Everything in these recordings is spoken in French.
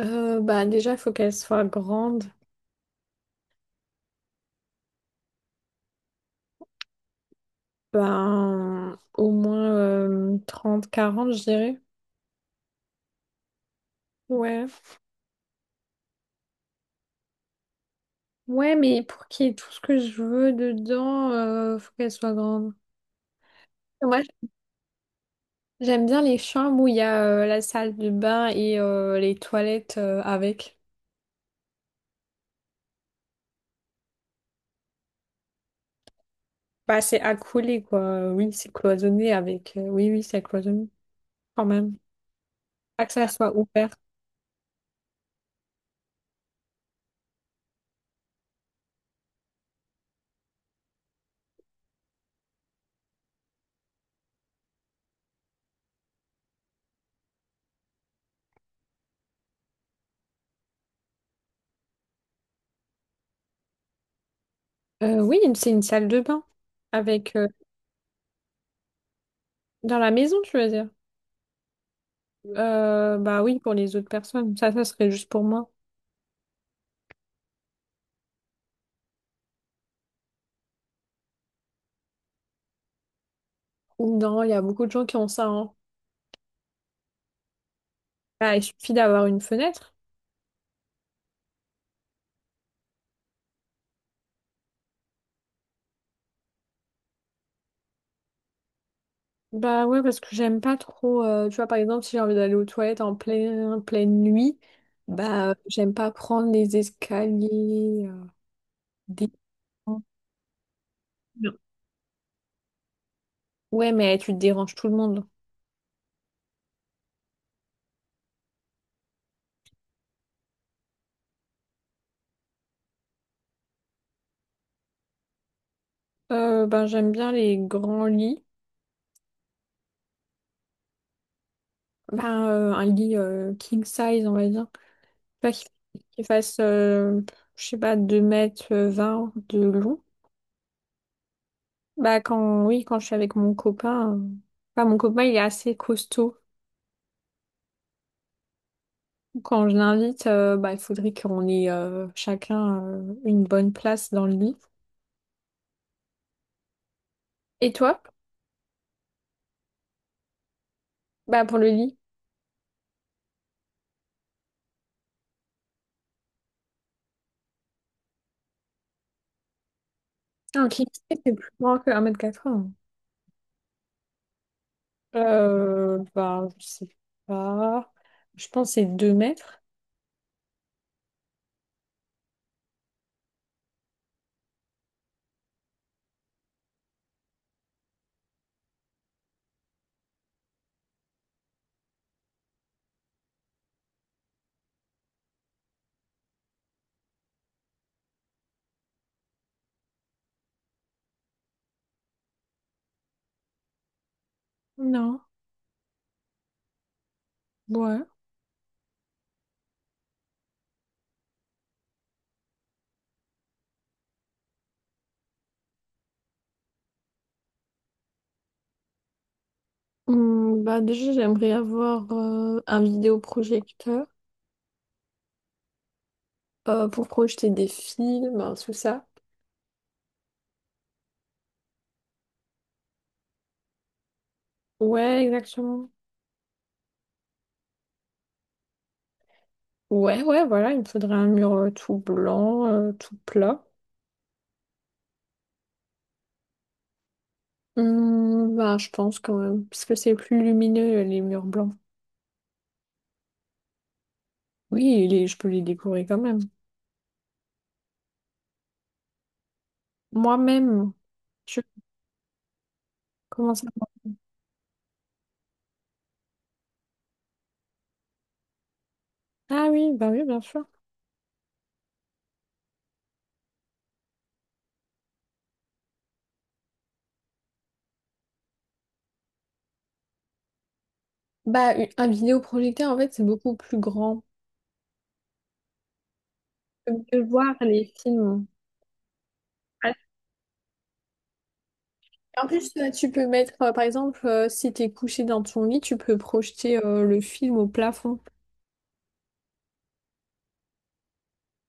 Bah déjà, il faut qu'elle soit grande. Ben, au moins 30, 40, je dirais. Ouais. Ouais, mais pour qu'il y ait tout ce que je veux dedans, faut qu'elle soit grande. Moi, j'aime bien les chambres où il y a la salle de bain et les toilettes avec. Bah, c'est accolé, quoi. Oui, c'est cloisonné avec. Oui, oui, c'est cloisonné, quand même. Pas que ça soit ouvert. Oui, c'est une salle de bain. Avec. Dans la maison, tu veux dire? Bah oui, pour les autres personnes. Ça serait juste pour moi. Non, il y a beaucoup de gens qui ont ça, hein. Bah, il suffit d'avoir une fenêtre. Bah ouais, parce que j'aime pas trop. Tu vois, par exemple, si j'ai envie d'aller aux toilettes en pleine nuit, bah j'aime pas prendre les escaliers. Des... Ouais, mais tu te déranges tout le monde. Ben, j'aime bien les grands lits. Ben, un lit king size, on va dire. Pas qu'il fasse, je sais pas, 2,20 m de long. Bah quand oui, quand je suis avec mon copain, enfin, mon copain il est assez costaud. Quand je l'invite, bah il faudrait qu'on ait chacun une bonne place dans le lit. Et toi? Bah pour le lit. Ah, ok, c'est plus grand que 1,80 m. Bah je sais pas. Je pense que c'est 2 m. Non, ouais. Bah déjà, j'aimerais avoir un vidéoprojecteur pour projeter des films, hein, tout ça. Ouais, exactement. Ouais, ouais, voilà, il me faudrait un mur tout blanc, tout plat. Bah, je pense quand même, parce que c'est plus lumineux, les murs blancs. Oui, je peux les décorer quand même. Moi-même, je commence à... Ah oui, bah oui, bien sûr. Bah, un vidéoprojecteur, en fait, c'est beaucoup plus grand. Tu peux mieux voir les films. Ah, en plus, tu peux mettre, par exemple, si t'es couché dans ton lit, tu peux projeter le film au plafond.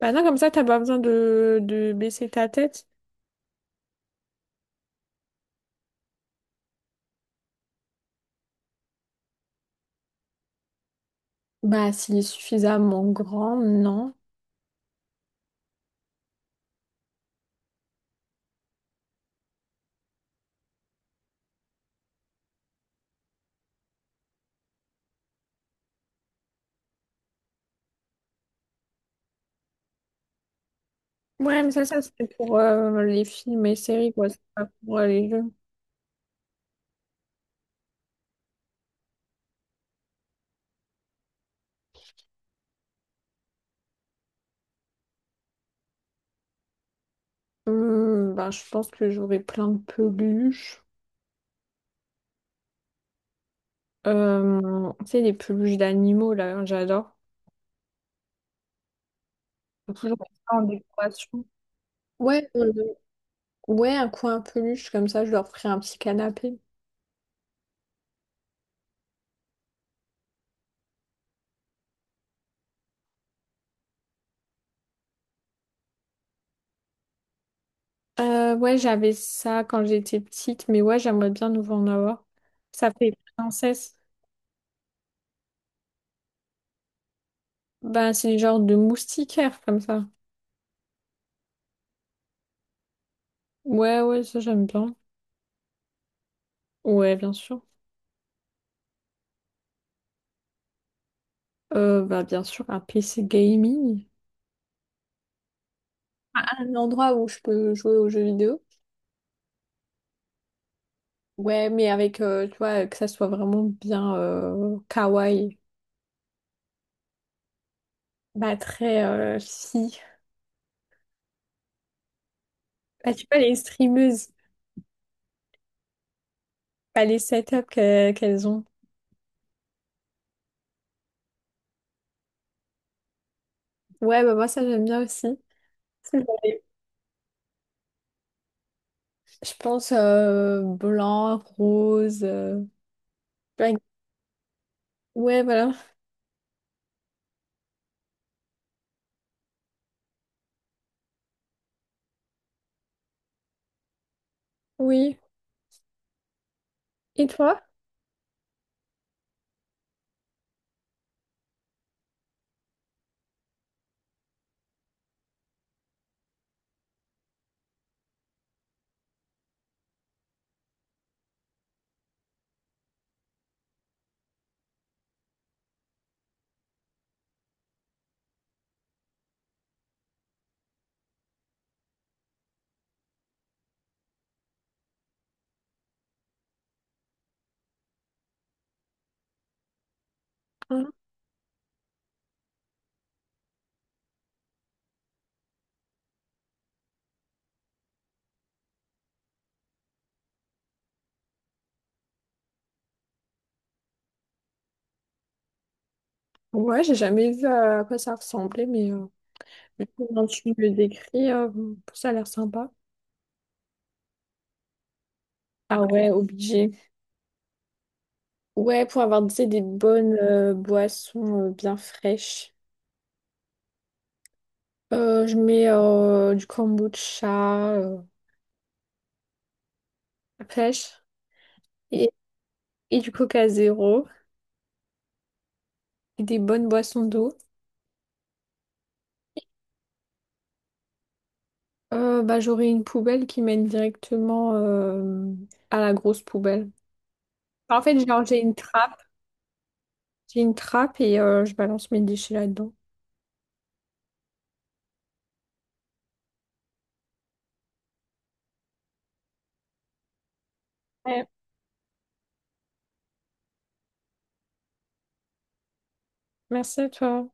Bah non, comme ça, t'as pas besoin de baisser ta tête. Bah, s'il est suffisamment grand, non. Ouais, mais ça, c'est pour les films et séries, quoi. C'est pas pour les jeux. Bah, je pense que j'aurais plein de peluches. Tu sais, les peluches d'animaux, là, j'adore. Faut toujours mettre ça en décoration. Ouais, ouais, un coin peluche, comme ça, je leur ferai un petit canapé. Ouais, j'avais ça quand j'étais petite, mais ouais, j'aimerais bien nouveau en avoir. Ça fait princesse. Bah, c'est le genre de moustiquaire, comme ça. Ouais, ouais, ça, j'aime bien. Ouais, bien sûr. Bah, bien sûr, un PC gaming. Ah, un endroit où je peux jouer aux jeux vidéo. Ouais, mais avec, tu vois, que ça soit vraiment bien kawaii. Bah, très fille. Bah, tu vois, les streameuses, bah, les setups qu'elles ont. Ouais, bah, moi, ça, j'aime bien aussi. C'est vrai. Je pense blanc, rose, black. Ouais, voilà. Oui. Et toi? Hein. Ouais, j'ai jamais vu à quoi ça ressemblait, mais comment tu me le décris, ça a l'air sympa. Ah ouais, obligé. Ouais, pour avoir, tu sais, des bonnes boissons bien fraîches. Je mets du kombucha fraîche et, et du coca zéro et des bonnes boissons d'eau. Bah, j'aurai une poubelle qui mène directement à la grosse poubelle. En fait, genre, j'ai une trappe. J'ai une trappe et je balance mes déchets là-dedans. Ouais, merci à toi.